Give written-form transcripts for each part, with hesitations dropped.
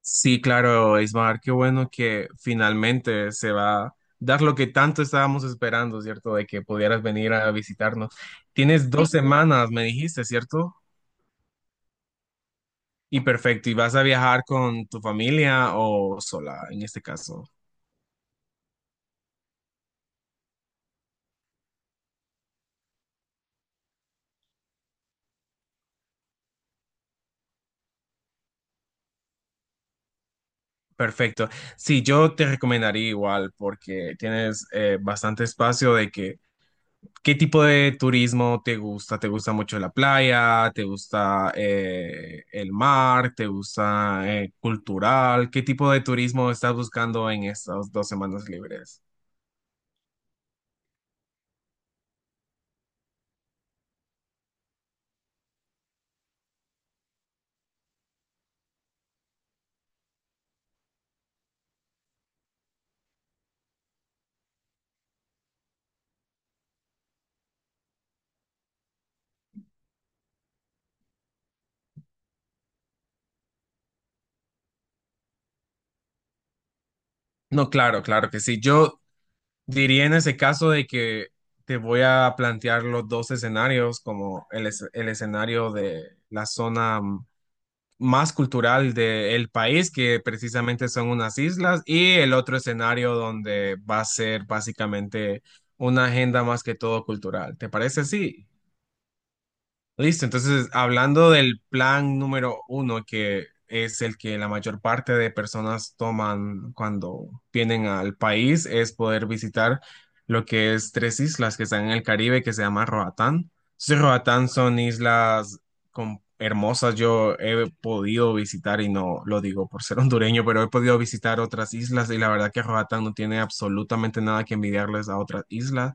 Sí, claro, Ismar, qué bueno que finalmente se va a dar lo que tanto estábamos esperando, ¿cierto? De que pudieras venir a visitarnos. Tienes... sí, dos... sí, semanas, me dijiste, ¿cierto? Y perfecto, ¿y vas a viajar con tu familia o sola en este caso? Perfecto. Sí, yo te recomendaría igual porque tienes bastante espacio de que... ¿qué tipo de turismo te gusta? ¿Te gusta mucho la playa? ¿Te gusta el mar? ¿Te gusta cultural? ¿Qué tipo de turismo estás buscando en estas 2 semanas libres? No, claro, claro que sí. Yo diría en ese caso de que te voy a plantear los dos escenarios, como el escenario de la zona más cultural del país, que precisamente son unas islas, y el otro escenario donde va a ser básicamente una agenda más que todo cultural. ¿Te parece así? Listo, entonces hablando del plan número uno, que es el que la mayor parte de personas toman cuando vienen al país, es poder visitar lo que es tres islas que están en el Caribe, que se llama Roatán. Entonces, Roatán son islas hermosas, yo he podido visitar, y no lo digo por ser hondureño, pero he podido visitar otras islas y la verdad que Roatán no tiene absolutamente nada que envidiarles a otras islas.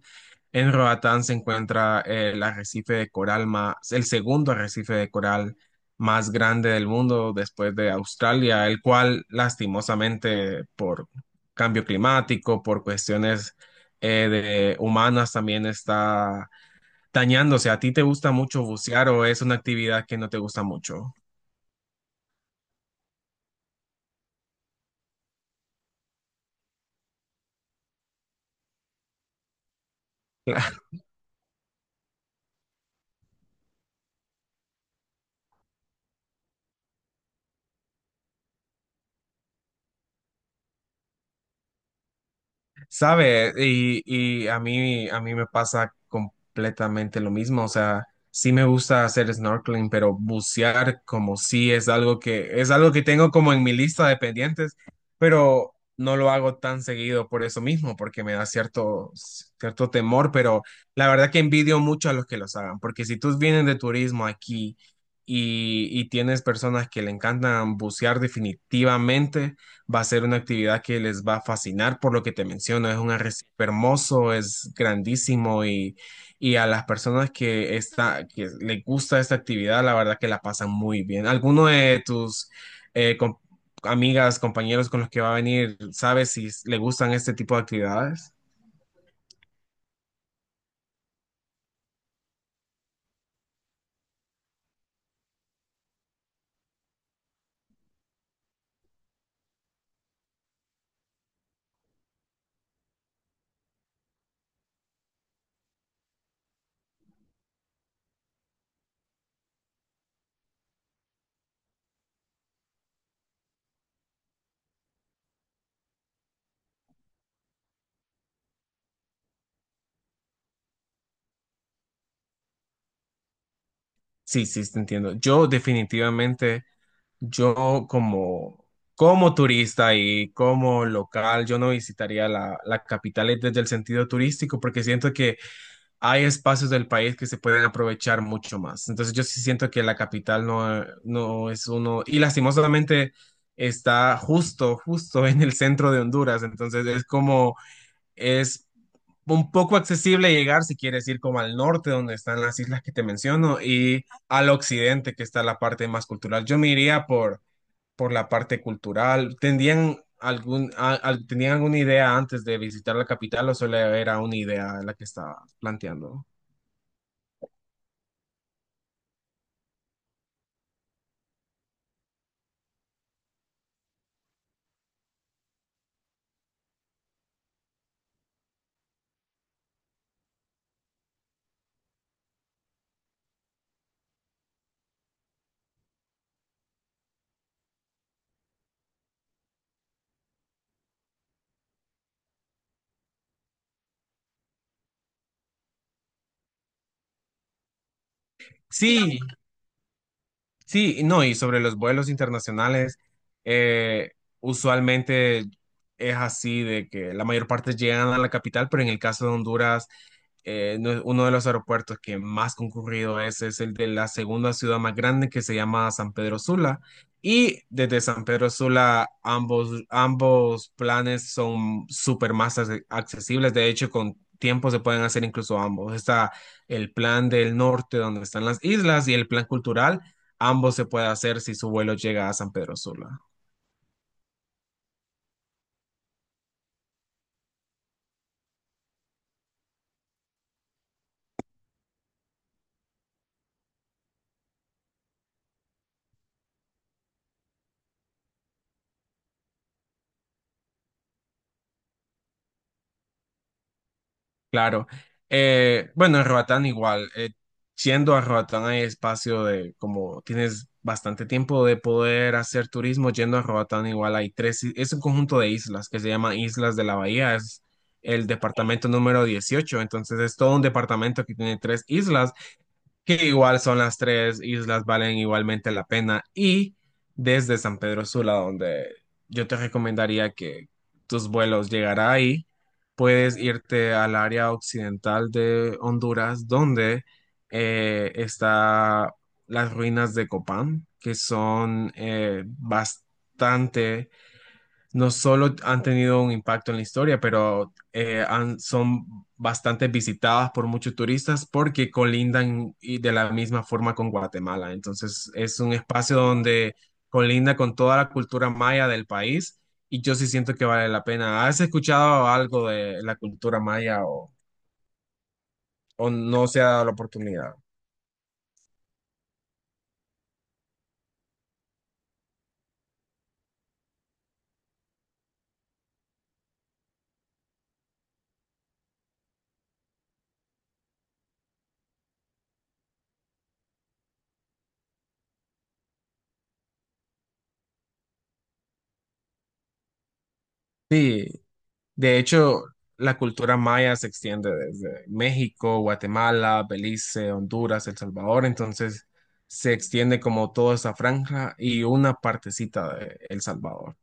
En Roatán se encuentra el arrecife de coral más, el segundo arrecife de coral más grande del mundo después de Australia, el cual lastimosamente por cambio climático, por cuestiones de humanas también está dañándose. ¿A ti te gusta mucho bucear o es una actividad que no te gusta mucho? Sabe, y, a mí me pasa completamente lo mismo. O sea, sí me gusta hacer snorkeling, pero bucear como sí es algo que tengo como en mi lista de pendientes, pero no lo hago tan seguido por eso mismo, porque me da cierto temor. Pero la verdad que envidio mucho a los que los hagan, porque si tú vienes de turismo aquí y tienes personas que le encantan bucear definitivamente va a ser una actividad que les va a fascinar por lo que te menciono. Es un arrecife hermoso, es grandísimo y a las personas que les gusta esta actividad, la verdad que la pasan muy bien. ¿Alguno de tus eh, com- amigas, compañeros con los que va a venir, sabes si le gustan este tipo de actividades? Sí, sí, te entiendo. Yo definitivamente, yo como, como turista y como local, yo no visitaría la capital desde el sentido turístico porque siento que hay espacios del país que se pueden aprovechar mucho más. Entonces yo sí siento que la capital no, no es uno, y lastimosamente está justo en el centro de Honduras. Entonces es como, es un poco accesible llegar si quieres ir como al norte, donde están las islas que te menciono, y al occidente, que está la parte más cultural. Yo me iría por la parte cultural. ¿Tendrían algún, tenían alguna idea antes de visitar la capital o solo era una idea la que estaba planteando? Sí, sí, y no, y sobre los vuelos internacionales, eh, usualmente es así de que la mayor parte llegan a la capital, pero en el caso de Honduras uno de los aeropuertos que más concurrido es el de la segunda ciudad más grande que se llama San Pedro Sula. Y desde San Pedro Sula ambos planes son súper más accesibles. De hecho, con tiempo se pueden hacer incluso ambos. Está el plan del norte donde están las islas y el plan cultural. Ambos se puede hacer si su vuelo llega a San Pedro Sula. Claro. Bueno, en Roatán igual. Eh, siendo a Roatán hay espacio de, como tienes bastante tiempo de poder hacer turismo, yendo a Roatán igual hay tres, es un conjunto de islas que se llama Islas de la Bahía, es el departamento número 18, entonces es todo un departamento que tiene tres islas, que igual son las tres islas, valen igualmente la pena. Y desde San Pedro Sula, donde yo te recomendaría que tus vuelos llegará ahí, puedes irte al área occidental de Honduras, donde está las ruinas de Copán, que son bastante... no solo han tenido un impacto en la historia, pero son bastante visitadas por muchos turistas porque colindan y de la misma forma con Guatemala. Entonces es un espacio donde colinda con toda la cultura maya del país y yo sí siento que vale la pena. ¿Has escuchado algo de la cultura maya o no se ha dado la oportunidad? Sí. De hecho, la cultura maya se extiende desde México, Guatemala, Belice, Honduras, El Salvador, entonces se extiende como toda esa franja y una partecita de El Salvador.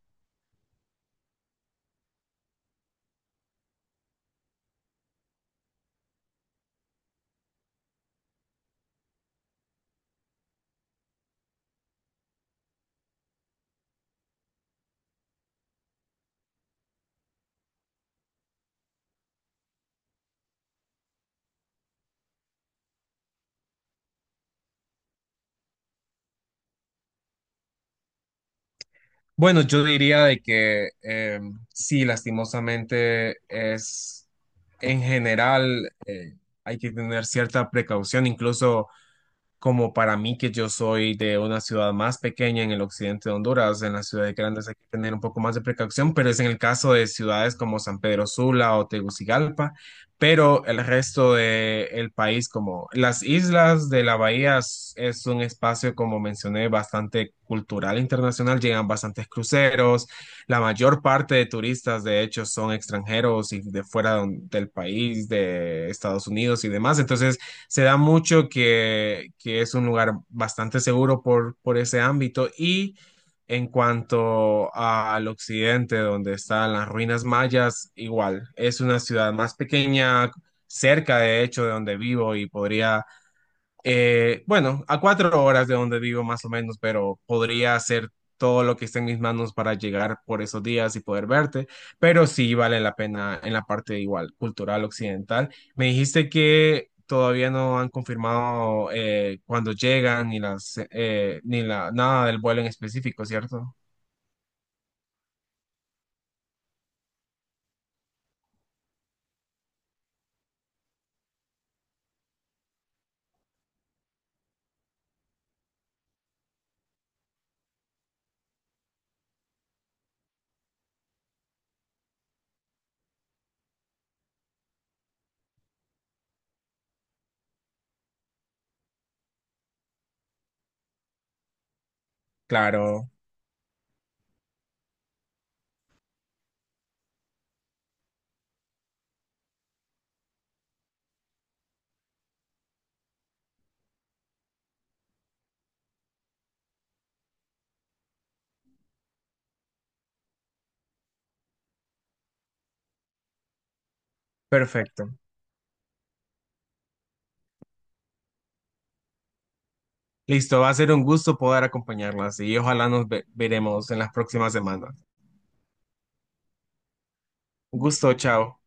Bueno, yo diría de que sí, lastimosamente es en general hay que tener cierta precaución, incluso como para mí que yo soy de una ciudad más pequeña en el occidente de Honduras, en las ciudades grandes hay que tener un poco más de precaución, pero es en el caso de ciudades como San Pedro Sula o Tegucigalpa, pero el resto del país, como las islas de la bahía, es un espacio, como mencioné, bastante cultural internacional, llegan bastantes cruceros, la mayor parte de turistas, de hecho, son extranjeros y de fuera del país, de Estados Unidos y demás, entonces se da mucho que es un lugar bastante seguro por ese ámbito. Y en cuanto al occidente, donde están las ruinas mayas, igual, es una ciudad más pequeña, cerca de hecho de donde vivo y podría bueno, a 4 horas de donde vivo más o menos, pero podría hacer todo lo que esté en mis manos para llegar por esos días y poder verte, pero sí vale la pena en la parte igual cultural occidental. Me dijiste que todavía no han confirmado cuándo llegan ni las ni la nada del vuelo en específico, ¿cierto? Claro, perfecto. Listo, va a ser un gusto poder acompañarlas y ojalá veremos en las próximas semanas. Un gusto, chao.